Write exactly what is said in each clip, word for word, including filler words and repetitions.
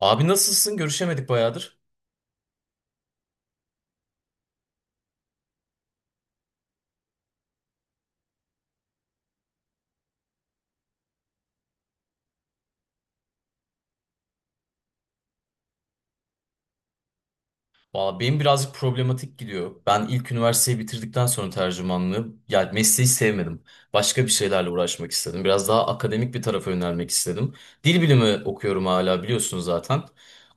Abi nasılsın? Görüşemedik bayağıdır. Valla benim birazcık problematik gidiyor. Ben ilk üniversiteyi bitirdikten sonra tercümanlığı, yani mesleği sevmedim. Başka bir şeylerle uğraşmak istedim. Biraz daha akademik bir tarafa yönelmek istedim. Dil bilimi okuyorum hala biliyorsun zaten.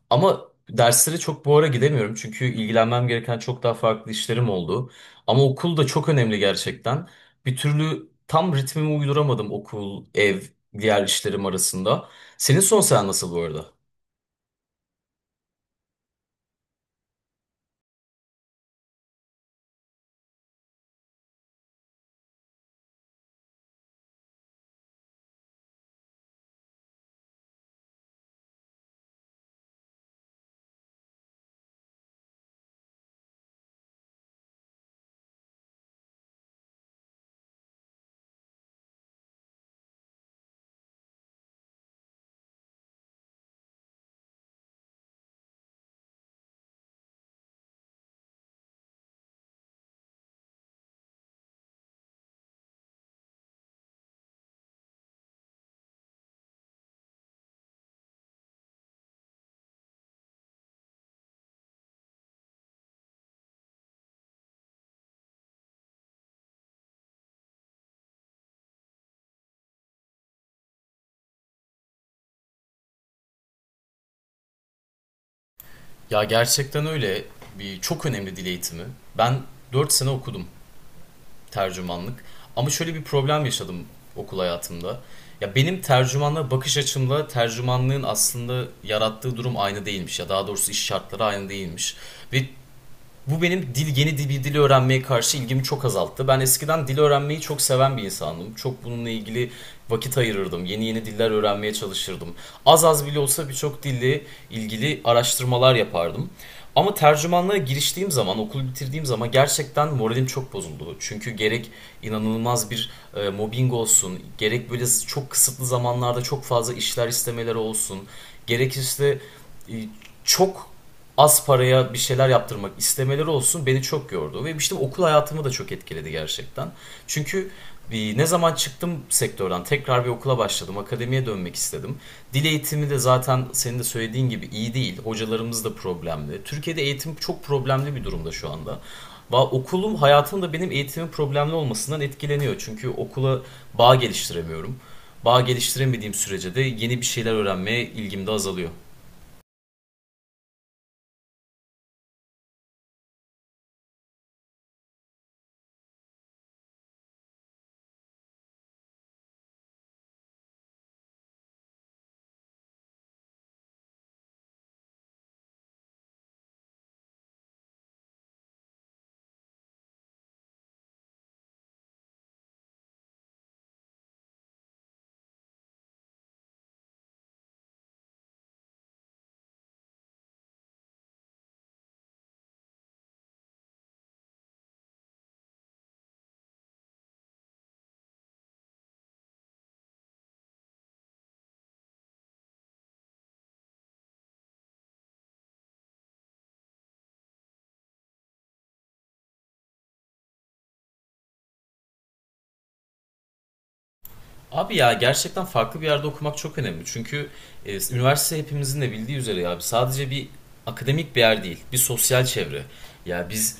Ama derslere çok bu ara gidemiyorum. Çünkü ilgilenmem gereken çok daha farklı işlerim oldu. Ama okul da çok önemli gerçekten. Bir türlü tam ritmimi uyduramadım okul, ev, diğer işlerim arasında. Senin son sen nasıl bu arada? Ya gerçekten öyle bir çok önemli dil eğitimi. Ben dört sene okudum tercümanlık. Ama şöyle bir problem yaşadım okul hayatımda. Ya benim tercümanla bakış açımla tercümanlığın aslında yarattığı durum aynı değilmiş, ya daha doğrusu iş şartları aynı değilmiş. Ve bu benim dil yeni bir dil öğrenmeye karşı ilgimi çok azalttı. Ben eskiden dil öğrenmeyi çok seven bir insandım. Çok bununla ilgili vakit ayırırdım. Yeni yeni diller öğrenmeye çalışırdım. Az az bile olsa birçok dille ilgili araştırmalar yapardım. Ama tercümanlığa giriştiğim zaman, okul bitirdiğim zaman gerçekten moralim çok bozuldu. Çünkü gerek inanılmaz bir e, mobbing olsun, gerek böyle çok kısıtlı zamanlarda çok fazla işler istemeleri olsun, gerek işte e, çok az paraya bir şeyler yaptırmak istemeleri olsun beni çok yordu. Ve işte okul hayatımı da çok etkiledi gerçekten. Çünkü e, ne zaman çıktım sektörden tekrar bir okula başladım. Akademiye dönmek istedim. Dil eğitimi de zaten senin de söylediğin gibi iyi değil. Hocalarımız da problemli. Türkiye'de eğitim çok problemli bir durumda şu anda. Okulum hayatım da benim eğitimin problemli olmasından etkileniyor. Çünkü okula bağ geliştiremiyorum. Bağ geliştiremediğim sürece de yeni bir şeyler öğrenmeye ilgim de azalıyor. Abi ya gerçekten farklı bir yerde okumak çok önemli. Çünkü e, üniversite hepimizin de bildiği üzere ya sadece bir akademik bir yer değil, bir sosyal çevre. Ya biz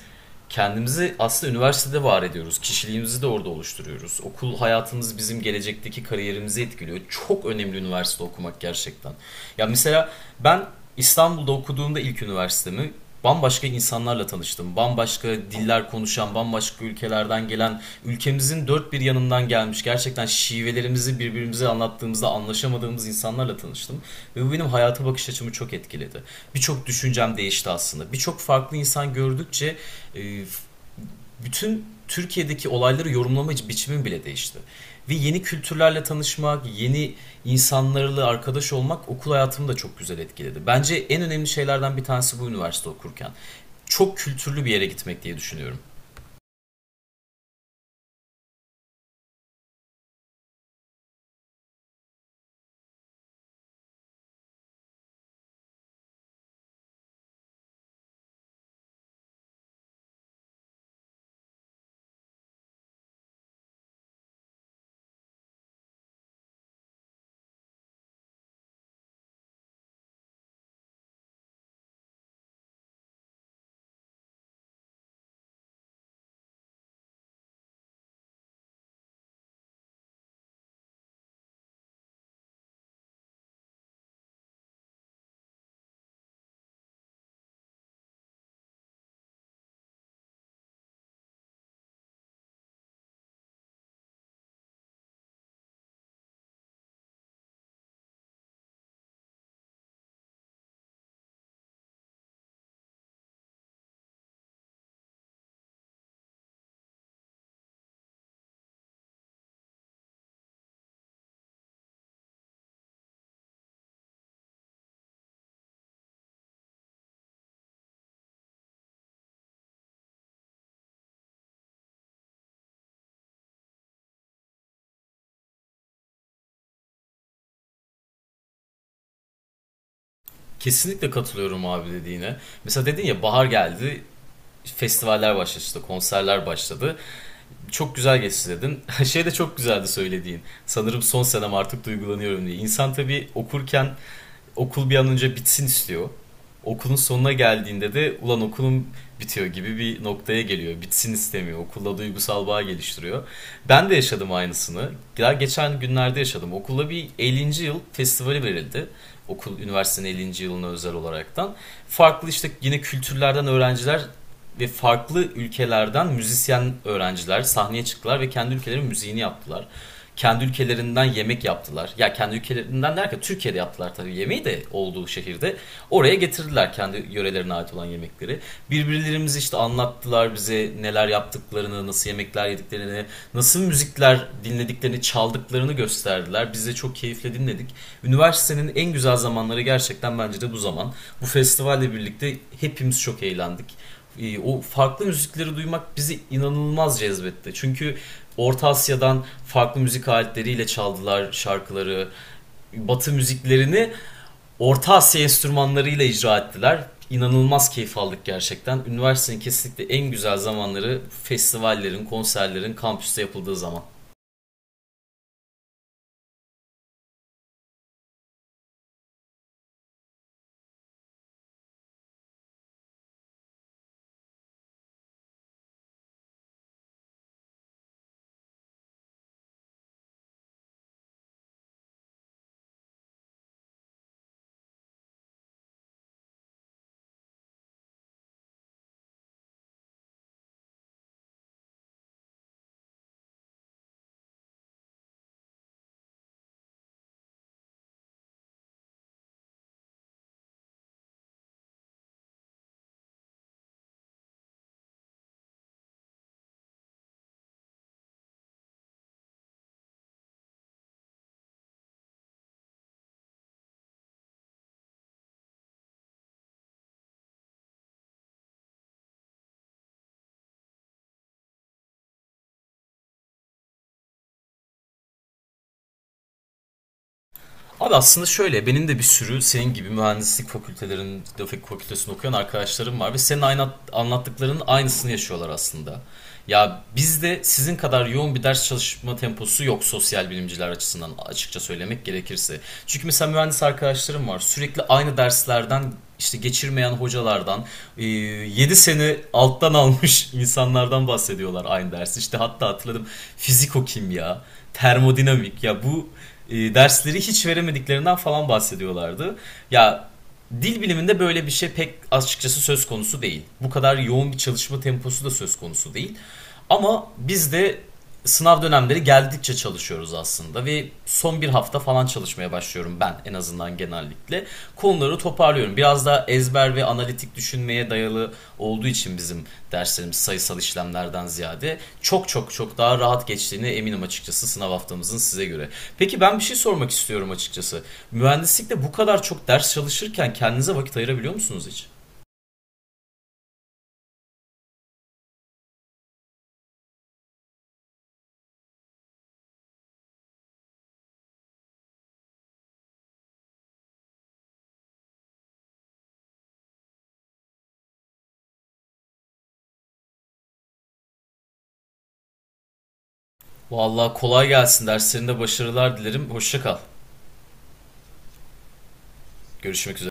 kendimizi aslında üniversitede var ediyoruz. Kişiliğimizi de orada oluşturuyoruz. Okul hayatımız bizim gelecekteki kariyerimizi etkiliyor. Çok önemli üniversite okumak gerçekten. Ya mesela ben İstanbul'da okuduğumda ilk üniversitemi bambaşka insanlarla tanıştım. Bambaşka diller konuşan, bambaşka ülkelerden gelen, ülkemizin dört bir yanından gelmiş, gerçekten şivelerimizi birbirimize anlattığımızda anlaşamadığımız insanlarla tanıştım. Ve bu benim hayata bakış açımı çok etkiledi. Birçok düşüncem değişti aslında. Birçok farklı insan gördükçe e, bütün Türkiye'deki olayları yorumlama biçimim bile değişti. Ve yeni kültürlerle tanışmak, yeni insanlarla arkadaş olmak okul hayatımı da çok güzel etkiledi. Bence en önemli şeylerden bir tanesi bu üniversite okurken. Çok kültürlü bir yere gitmek diye düşünüyorum. Kesinlikle katılıyorum abi dediğine. Mesela dedin ya bahar geldi, festivaller başladı, konserler başladı. Çok güzel geçti dedin. Şey de çok güzeldi söylediğin. Sanırım son senem artık duygulanıyorum diye. İnsan tabii okurken okul bir an önce bitsin istiyor. Okulun sonuna geldiğinde de ulan okulum bitiyor gibi bir noktaya geliyor. Bitsin istemiyor. Okulla duygusal bağ geliştiriyor. Ben de yaşadım aynısını. Daha geçen günlerde yaşadım. Okulda bir ellinci yıl festivali verildi. Okul üniversitenin ellinci yılına özel olaraktan. Farklı işte yine kültürlerden öğrenciler ve farklı ülkelerden müzisyen öğrenciler sahneye çıktılar ve kendi ülkelerinin müziğini yaptılar. Kendi ülkelerinden yemek yaptılar. Ya kendi ülkelerinden derken Türkiye'de yaptılar tabii yemeği de olduğu şehirde. Oraya getirdiler kendi yörelerine ait olan yemekleri. Birbirlerimizi işte anlattılar bize neler yaptıklarını, nasıl yemekler yediklerini, nasıl müzikler dinlediklerini, çaldıklarını gösterdiler. Biz de çok keyifle dinledik. Üniversitenin en güzel zamanları gerçekten bence de bu zaman. Bu festivalle birlikte hepimiz çok eğlendik, e, o farklı müzikleri duymak bizi inanılmaz cezbetti. Çünkü Orta Asya'dan farklı müzik aletleriyle çaldılar şarkıları. Batı müziklerini Orta Asya enstrümanlarıyla icra ettiler. İnanılmaz keyif aldık gerçekten. Üniversitenin kesinlikle en güzel zamanları festivallerin, konserlerin kampüste yapıldığı zaman. Abi aslında şöyle benim de bir sürü senin gibi mühendislik fakültelerinin grafik fakültesini okuyan arkadaşlarım var ve senin aynı anlattıklarının aynısını yaşıyorlar aslında. Ya bizde sizin kadar yoğun bir ders çalışma temposu yok sosyal bilimciler açısından açıkça söylemek gerekirse. Çünkü mesela mühendis arkadaşlarım var sürekli aynı derslerden işte geçirmeyen hocalardan yedi sene alttan almış insanlardan bahsediyorlar aynı dersi. İşte hatta hatırladım fiziko kimya, termodinamik ya bu e, dersleri hiç veremediklerinden falan bahsediyorlardı. Ya dil biliminde böyle bir şey pek açıkçası söz konusu değil. Bu kadar yoğun bir çalışma temposu da söz konusu değil. Ama biz de sınav dönemleri geldikçe çalışıyoruz aslında ve son bir hafta falan çalışmaya başlıyorum, ben en azından genelde konuları toparlıyorum. Biraz daha ezber ve analitik düşünmeye dayalı olduğu için bizim derslerimiz sayısal işlemlerden ziyade çok çok çok daha rahat geçtiğine eminim açıkçası sınav haftamızın size göre. Peki ben bir şey sormak istiyorum açıkçası. Mühendislikte bu kadar çok ders çalışırken kendinize vakit ayırabiliyor musunuz hiç? Vallahi kolay gelsin. Derslerinde başarılar dilerim. Hoşça kal. Görüşmek üzere.